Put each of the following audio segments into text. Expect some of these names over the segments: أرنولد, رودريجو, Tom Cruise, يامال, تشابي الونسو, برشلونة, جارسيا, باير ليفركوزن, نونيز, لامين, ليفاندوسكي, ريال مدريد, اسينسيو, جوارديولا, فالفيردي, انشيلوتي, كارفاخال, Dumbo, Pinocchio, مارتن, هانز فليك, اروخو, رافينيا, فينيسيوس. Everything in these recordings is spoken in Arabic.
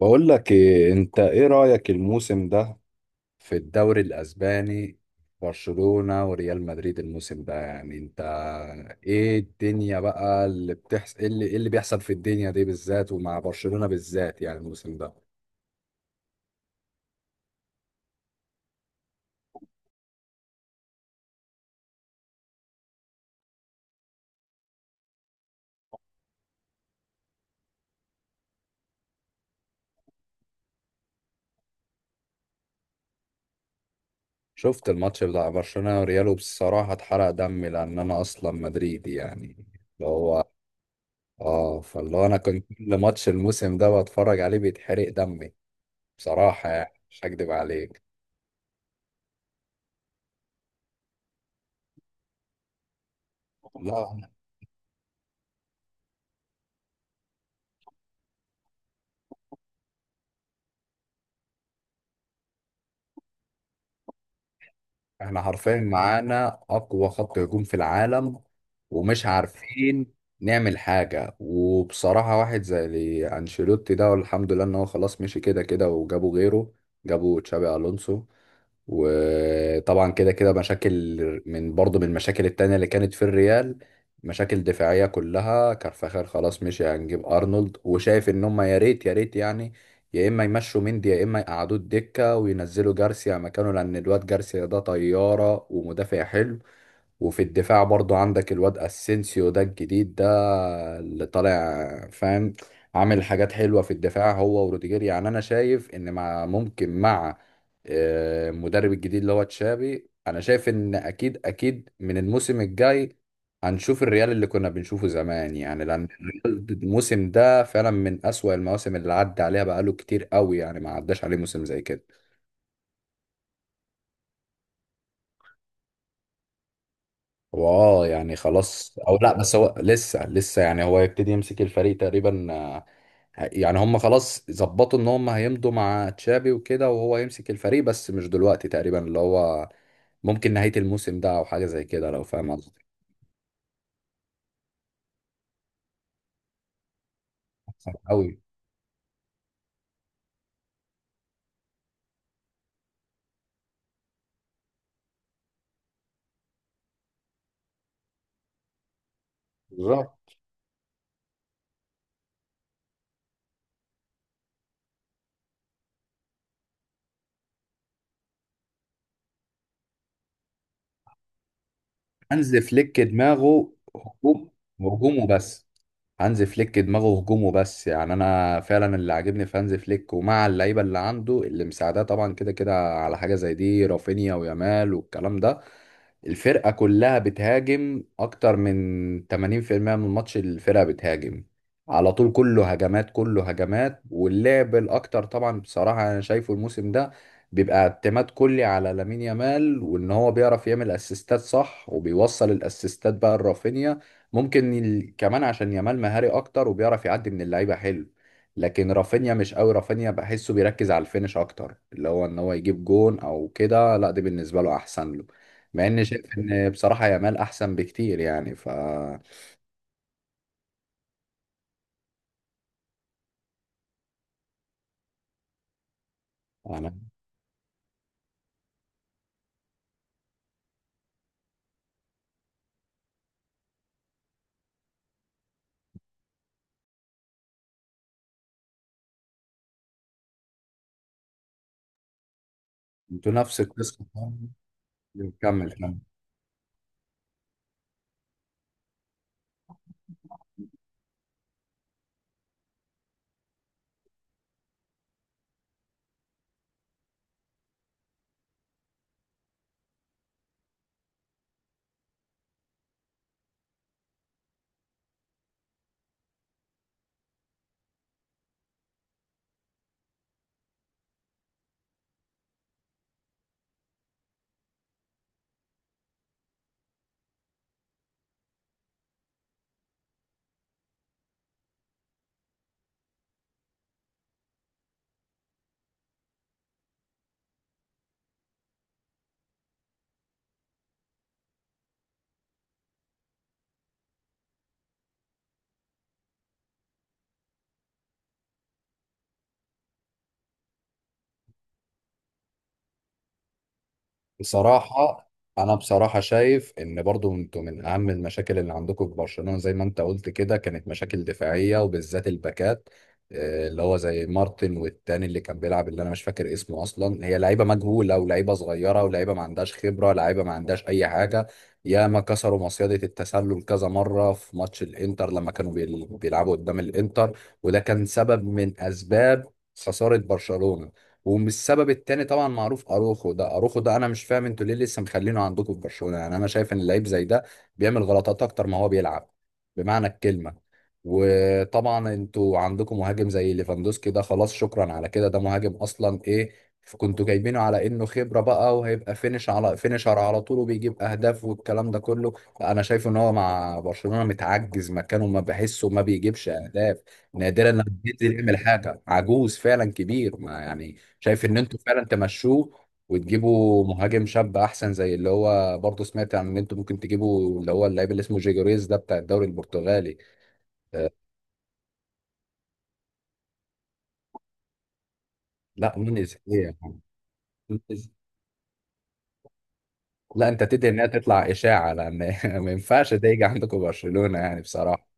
بقول لك إيه، انت ايه رأيك الموسم ده في الدوري الاسباني؟ برشلونة وريال مدريد الموسم ده، يعني انت ايه الدنيا بقى اللي بتحصل، إيه اللي بيحصل في الدنيا دي بالذات ومع برشلونة بالذات يعني الموسم ده؟ شفت الماتش بتاع برشلونة وريال. بصراحة اتحرق دمي، لان انا اصلا مدريدي يعني. اللي هو اه فاللي هو انا كنت كل ماتش الموسم ده بتفرج عليه بيتحرق دمي بصراحة، يعني مش هكدب عليك. لا، احنا حرفيا معانا اقوى خط هجوم في العالم ومش عارفين نعمل حاجة. وبصراحة واحد زي انشيلوتي ده، والحمد لله ان هو خلاص مشي كده كده وجابوا غيره. جابوا تشابي الونسو. وطبعا كده كده مشاكل، من برضو من المشاكل التانية اللي كانت في الريال، مشاكل دفاعية كلها. كارفاخال خلاص مشي، هنجيب أرنولد. وشايف إن هما يا ريت يا ريت يعني، يا إما يمشوا مندي يا إما يقعدوه الدكة وينزلوا جارسيا مكانه، لأن الواد جارسيا ده طيارة ومدافع حلو. وفي الدفاع برضو عندك الواد اسينسيو ده الجديد ده، اللي طالع فاهم، عامل حاجات حلوة في الدفاع هو وروديجير. يعني انا شايف ان مع المدرب الجديد اللي هو تشابي، انا شايف ان اكيد اكيد من الموسم الجاي هنشوف الريال اللي كنا بنشوفه زمان. يعني لان الريال الموسم ده فعلا من اسوأ المواسم اللي عدى عليها، بقاله كتير قوي يعني ما عداش عليه موسم زي كده. هو يعني خلاص او لا، بس هو لسه لسه يعني هو يبتدي يمسك الفريق تقريبا. يعني هم خلاص ظبطوا ان هم هيمضوا مع تشابي وكده وهو يمسك الفريق، بس مش دلوقتي تقريبا، اللي هو ممكن نهاية الموسم ده او حاجة زي كده لو فاهم قصدي. صعب قوي. بالظبط. هانز فليك دماغه هجوم، هجوم وبس. هانز فليك دماغه هجوم وبس. يعني انا فعلا اللي عاجبني في هانز فليك ومع اللعيبه اللي عنده اللي مساعداه طبعا كده كده على حاجه زي دي، رافينيا ويامال والكلام ده، الفرقه كلها بتهاجم. اكتر من 80% من الماتش الفرقه بتهاجم، على طول كله هجمات كله هجمات. واللعب الاكتر طبعا بصراحه انا شايفه الموسم ده بيبقى اعتماد كلي على لامين يامال، وان هو بيعرف يعمل اسيستات صح وبيوصل الاسيستات بقى لرافينيا. ممكن كمان عشان يامال مهاري اكتر وبيعرف يعدي من اللعيبه حلو. لكن رافينيا مش قوي، رافينيا بحسه بيركز على الفينش اكتر، اللي هو ان هو يجيب جون او كده، لا دي بالنسبه له احسن له. مع اني شايف ان بصراحه يامال احسن بكتير يعني، ف انا انتوا نفس القصه. كمل كمل. بصراحة، أنا بصراحة شايف إن برضو أنتوا من أهم المشاكل اللي عندكم في برشلونة زي ما أنت قلت كده كانت مشاكل دفاعية وبالذات الباكات، اللي هو زي مارتن والتاني اللي كان بيلعب اللي أنا مش فاكر اسمه أصلا. هي لعيبة مجهولة ولعيبة صغيرة ولعيبة ما عندهاش خبرة، لعيبة ما عندهاش أي حاجة. ياما كسروا مصيدة التسلل كذا مرة في ماتش الإنتر لما كانوا بيلعبوا قدام الإنتر، وده كان سبب من أسباب خسارة برشلونة. ومش السبب التاني طبعا معروف، اروخو ده انا مش فاهم انتوا ليه لسه مخلينه عندكم في برشلونه. يعني انا شايف ان اللعيب زي ده بيعمل غلطات اكتر ما هو بيلعب بمعنى الكلمه. وطبعا انتوا عندكم مهاجم زي ليفاندوسكي ده، خلاص شكرا على كده. ده مهاجم اصلا ايه، كنتوا جايبينه على انه خبره بقى وهيبقى فينش على فينشر على طول وبيجيب اهداف والكلام ده كله. لا، انا شايف ان هو مع برشلونه متعجز مكانه، ما بحسه ما بيجيبش اهداف. نادرا لما بينزل يعمل حاجه. عجوز فعلا كبير، ما يعني شايف ان انتوا فعلا تمشوه وتجيبوا مهاجم شاب احسن، زي اللي هو برضه سمعت عن ان انتوا ممكن تجيبوا اللي هو اللاعب اللي اسمه جيجوريز ده بتاع الدوري البرتغالي. آه، لا نونيز ايه يا عم؟ نونيز. لا انت تدعي انها تطلع اشاعه، لان ما ينفعش ده يجي عندكم برشلونه يعني بصراحه.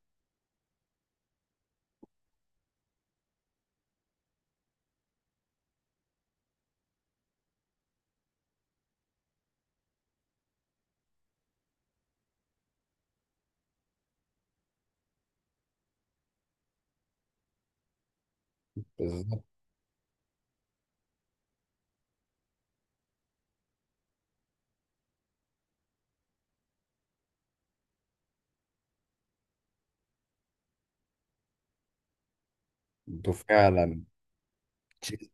بالظبط. انتوا فعلا. تشيلسي.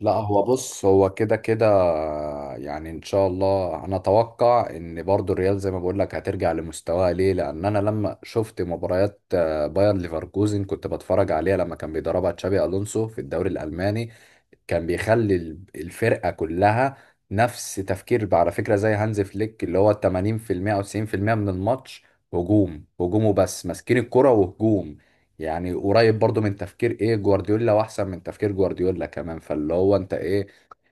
لا هو بص، هو كده كده. يعني ان شاء الله انا اتوقع ان برضو الريال زي ما بقول لك هترجع لمستواها. ليه؟ لان انا لما شفت مباريات باير ليفركوزن، كنت بتفرج عليها لما كان بيدربها تشابي الونسو في الدوري الالماني. كان بيخلي الفرقه كلها نفس تفكير بقى، على فكره زي هانز فليك، اللي هو 80% او 90% من الماتش هجوم، هجوم وبس، ماسكين الكرة وهجوم. يعني قريب برضو من تفكير ايه جوارديولا، واحسن من تفكير جوارديولا كمان. فاللي هو انت ايه،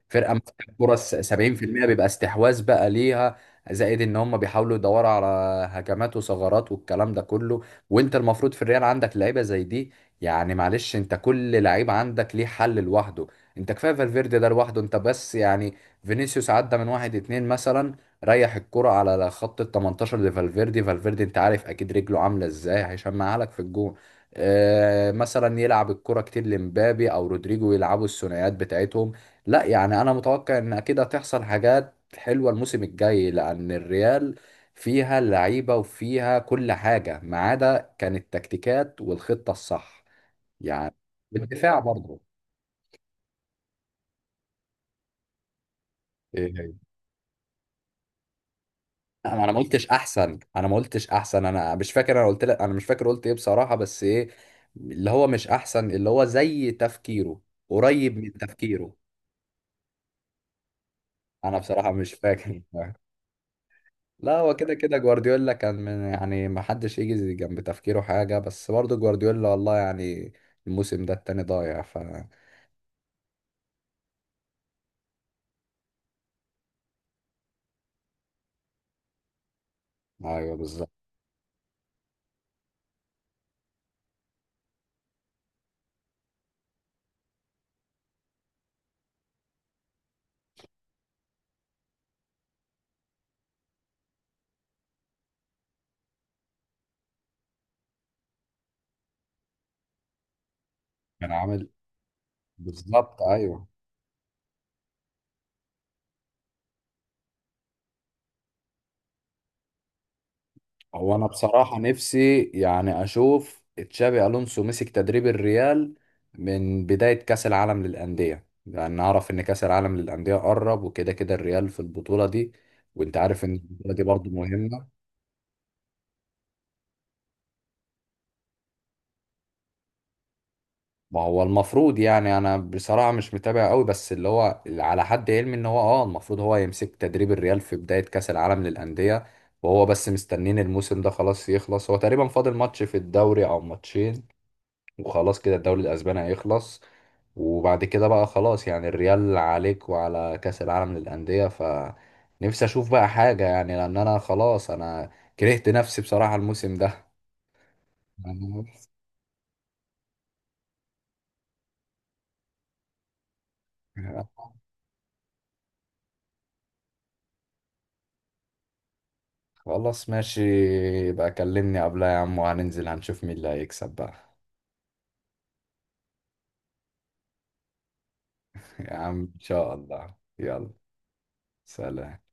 فرقه ماسكه فرص 70% بيبقى استحواذ بقى ليها، زائد ان هم بيحاولوا يدوروا على هجمات وثغرات والكلام ده كله. وانت المفروض في الريال عندك لعيبه زي دي، يعني معلش انت كل لعيب عندك ليه حل لوحده. انت كفايه فالفيردي ده لوحده انت بس، يعني فينيسيوس عدى من واحد اتنين مثلا، ريح الكرة على خط ال 18 لفالفيردي، فالفيردي انت عارف اكيد رجله عامله ازاي هيشمعها لك في الجون. آه مثلا يلعب الكرة كتير لمبابي او رودريجو يلعبوا الثنائيات بتاعتهم. لا يعني انا متوقع ان اكيد هتحصل حاجات حلوه الموسم الجاي، لان الريال فيها اللعيبه وفيها كل حاجه، ما عدا كانت التكتيكات والخطه الصح يعني، بالدفاع برضه. إيه هي؟ انا ما قلتش احسن، انا مش فاكر. انا قلت لك انا مش فاكر قلت ايه بصراحه، بس ايه، اللي هو مش احسن، اللي هو زي تفكيره، قريب من تفكيره. انا بصراحه مش فاكر لا هو كده كده جوارديولا كان من، يعني ما حدش يجي جنب تفكيره حاجة، بس برضه جوارديولا والله يعني الموسم ده التاني ضايع ف. ايوه بالظبط. كان عامل. بالظبط ايوه. هو انا بصراحة نفسي يعني اشوف تشابي الونسو مسك تدريب الريال من بداية كأس العالم للأندية، لأن أعرف إن كأس العالم للأندية قرب وكده كده الريال في البطولة دي، وأنت عارف إن البطولة دي برضه مهمة. ما هو المفروض، يعني انا بصراحة مش متابع قوي، بس اللي هو اللي على حد علمي ان هو المفروض هو يمسك تدريب الريال في بداية كأس العالم للأندية. وهو بس مستنين الموسم ده خلاص يخلص، هو تقريبا فاضل ماتش في الدوري او ماتشين وخلاص كده الدوري الاسباني هيخلص. وبعد كده بقى خلاص، يعني الريال عليك وعلى كأس العالم للأندية، فنفسي اشوف بقى حاجة يعني، لان انا خلاص انا كرهت نفسي بصراحة الموسم ده. خلاص ماشي. يبقى كلمني قبلها يا عم وهننزل هنشوف مين اللي هيكسب بقى. يا عم ان شاء الله، يلا. سلام.